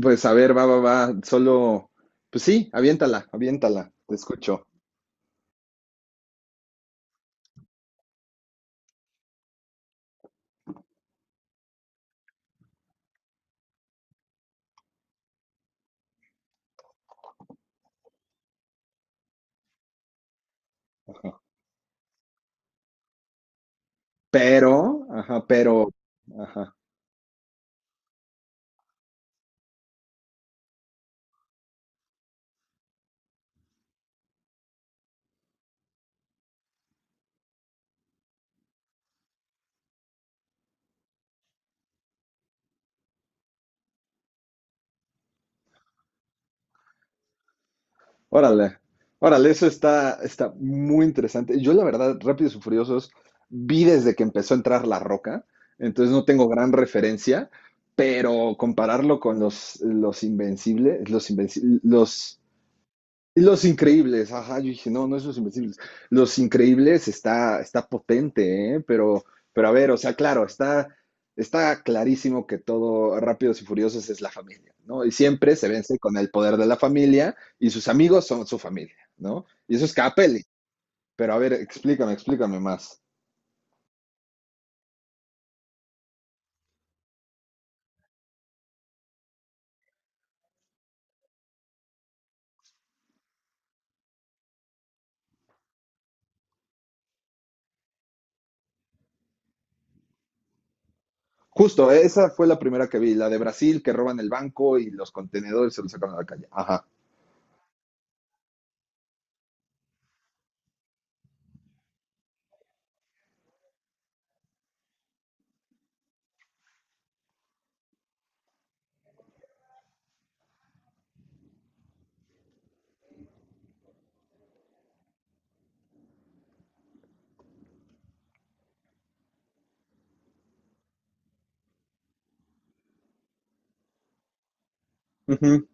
Pues a ver, va, va, va. Solo, pues sí, aviéntala, aviéntala, te escucho. Ajá. Pero, ajá, pero, ajá. Órale, órale, eso está muy interesante. Yo, la verdad, Rápidos y Furiosos vi desde que empezó a entrar La Roca, entonces no tengo gran referencia, pero compararlo con los Invencibles, los Invencibles, Los Increíbles, ajá, yo dije, no, no es Los Invencibles. Los Increíbles está potente, ¿eh? Pero a ver, o sea, claro, está clarísimo que todo Rápidos y Furiosos es la familia, ¿no? Y siempre se vence con el poder de la familia y sus amigos son su familia, ¿no? Y eso es cada peli. Pero a ver, explícame, explícame más. Justo, esa fue la primera que vi, la de Brasil, que roban el banco y los contenedores se los sacan a la calle. Ajá. Ujú.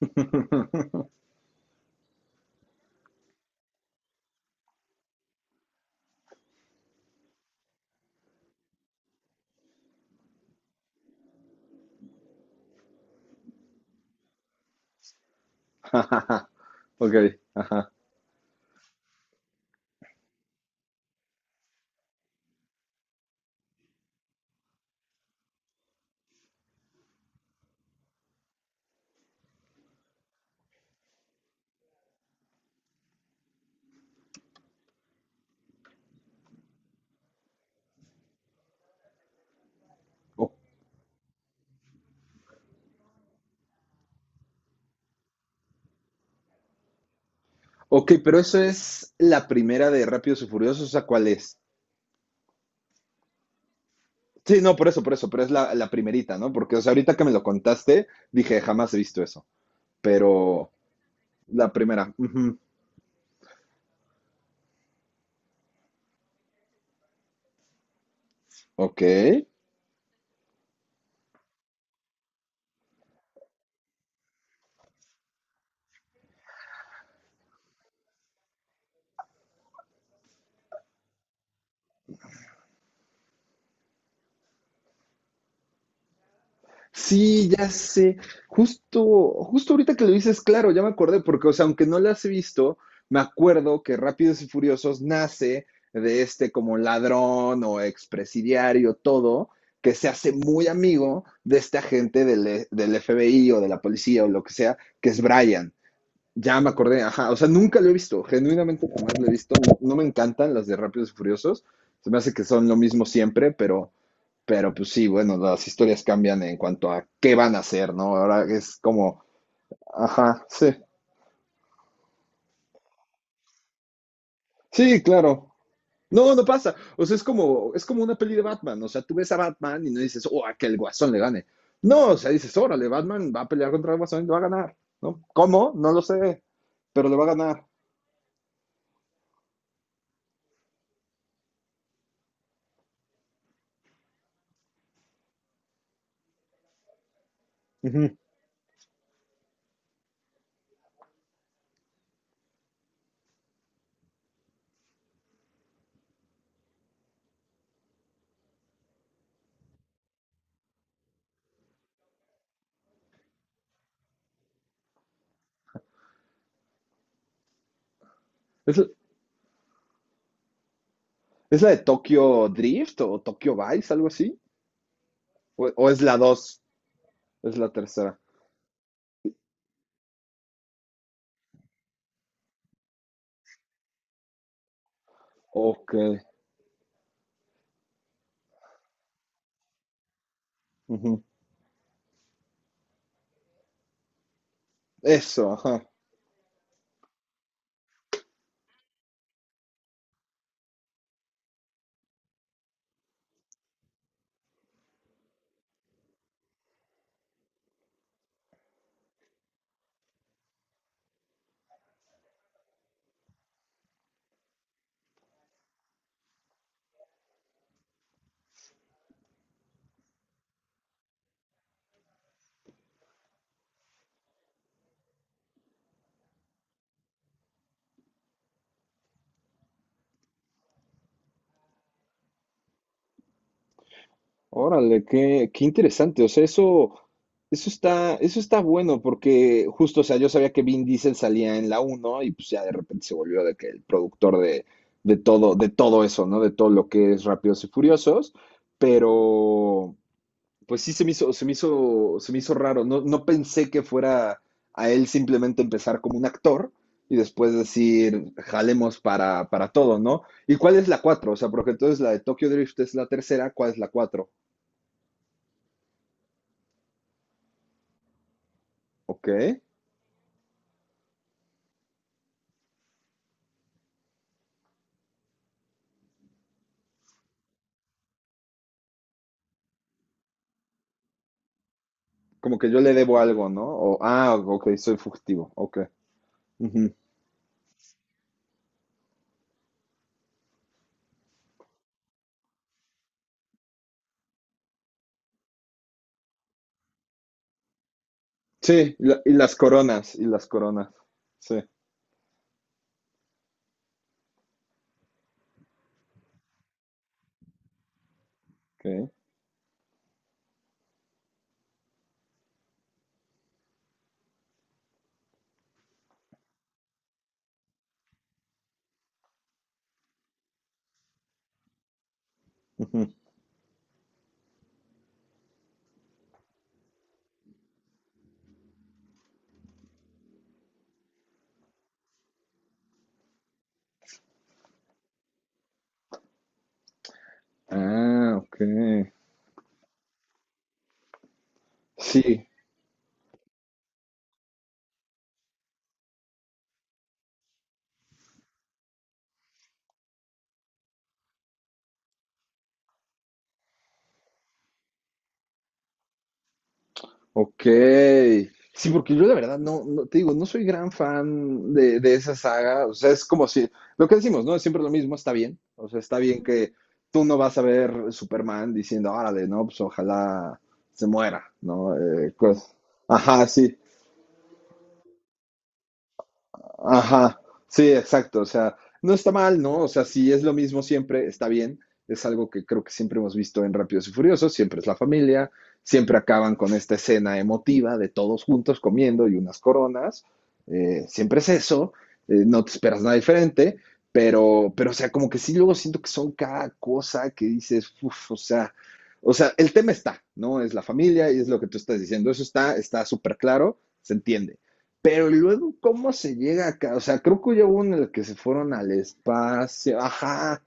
Ok, ajá. Ok, pero eso es la primera de Rápidos y Furiosos, o sea, ¿cuál es? Sí, no, por eso, pero es la primerita, ¿no? Porque, o sea, ahorita que me lo contaste, dije, jamás he visto eso, pero la primera. Ujú. Ok. Sí, ya sé. Justo, justo ahorita que lo dices, claro, ya me acordé, porque, o sea, aunque no las he visto, me acuerdo que Rápidos y Furiosos nace de este como ladrón o expresidiario, todo, que se hace muy amigo de este agente del FBI o de la policía o lo que sea, que es Brian. Ya me acordé, ajá, o sea, nunca lo he visto, genuinamente jamás lo he visto. No, no me encantan las de Rápidos y Furiosos, se me hace que son lo mismo siempre, pero pues sí, bueno, las historias cambian en cuanto a qué van a hacer, ¿no? Ahora es como, ajá, sí, sí, claro. No, no pasa. O sea, es como una peli de Batman. O sea, tú ves a Batman y no dices, oh, a que el Guasón le gane. No, o sea, dices, órale, Batman va a pelear contra el Guasón y le va a ganar, ¿no? ¿Cómo? No lo sé, pero le va a ganar. Ujú. ¿Es, es la de Tokyo Drift o Tokyo Vice, algo así? ¿O es la dos? Es la tercera. Ok. Ujú. Eso, ajá. Órale, qué interesante. O sea, eso está bueno porque justo, o sea, yo sabía que Vin Diesel salía en la uno y pues ya de repente se volvió de que el productor de todo, de todo eso, ¿no? De todo lo que es Rápidos y Furiosos. Pero, pues sí se me hizo, se me hizo, se me hizo raro. No, no pensé que fuera a él simplemente empezar como un actor y después decir, jalemos para todo, ¿no? ¿Y cuál es la 4? O sea, porque entonces la de Tokyo Drift es la tercera, ¿cuál es la 4? Ok, como que yo le debo algo, ¿no? O, ah, ok, soy fugitivo, ok. Ujú. Sí, y las coronas, y las coronas, sí, ok. Ujú. Ah, ok. Sí, ok. Sí, porque yo la verdad no, te digo, no soy gran fan de esa saga. O sea, es como si, lo que decimos, ¿no? Es siempre lo mismo, está bien. O sea, está bien que tú no vas a ver Superman diciendo, órale, no, pues ojalá se muera, ¿no? Pues, ajá, sí. Ajá, sí, exacto. O sea, no está mal, ¿no? O sea, si es lo mismo siempre, está bien. Es algo que creo que siempre hemos visto en Rápidos y Furiosos, siempre es la familia, siempre acaban con esta escena emotiva de todos juntos comiendo y unas coronas, siempre es eso, no te esperas nada diferente, pero, o sea, como que sí, luego siento que son cada cosa que dices, uff, o sea, el tema está, ¿no? Es la familia y es lo que tú estás diciendo, eso está, está súper claro, se entiende. Pero luego, ¿cómo se llega acá? O sea, creo que ya hubo uno en el que se fueron al espacio. Ajá.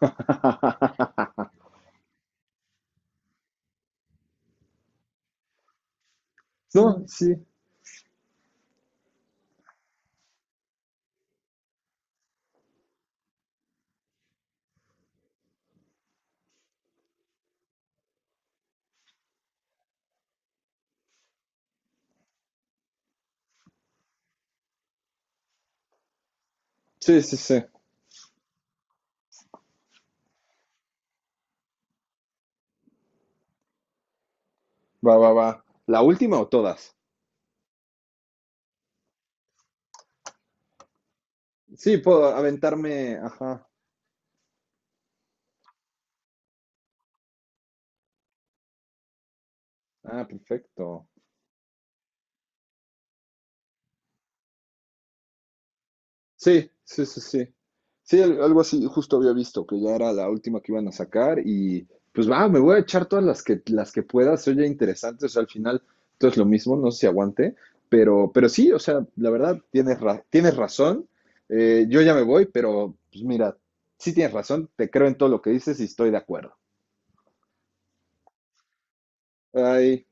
No, sí. Sí, sí, sí. Va, va, va. ¿La última o todas? Sí, puedo aventarme. Ajá. Ah, perfecto. Sí, sí, sí, sí. Sí, algo así justo había visto, que ya era la última que iban a sacar y pues va, me voy a echar todas las que pueda, se oye interesante, o sea, al final todo es lo mismo, no sé si aguante, pero sí, o sea, la verdad, tienes razón, yo ya me voy, pero pues mira, sí tienes razón, te creo en todo lo que dices y estoy de acuerdo. Ay.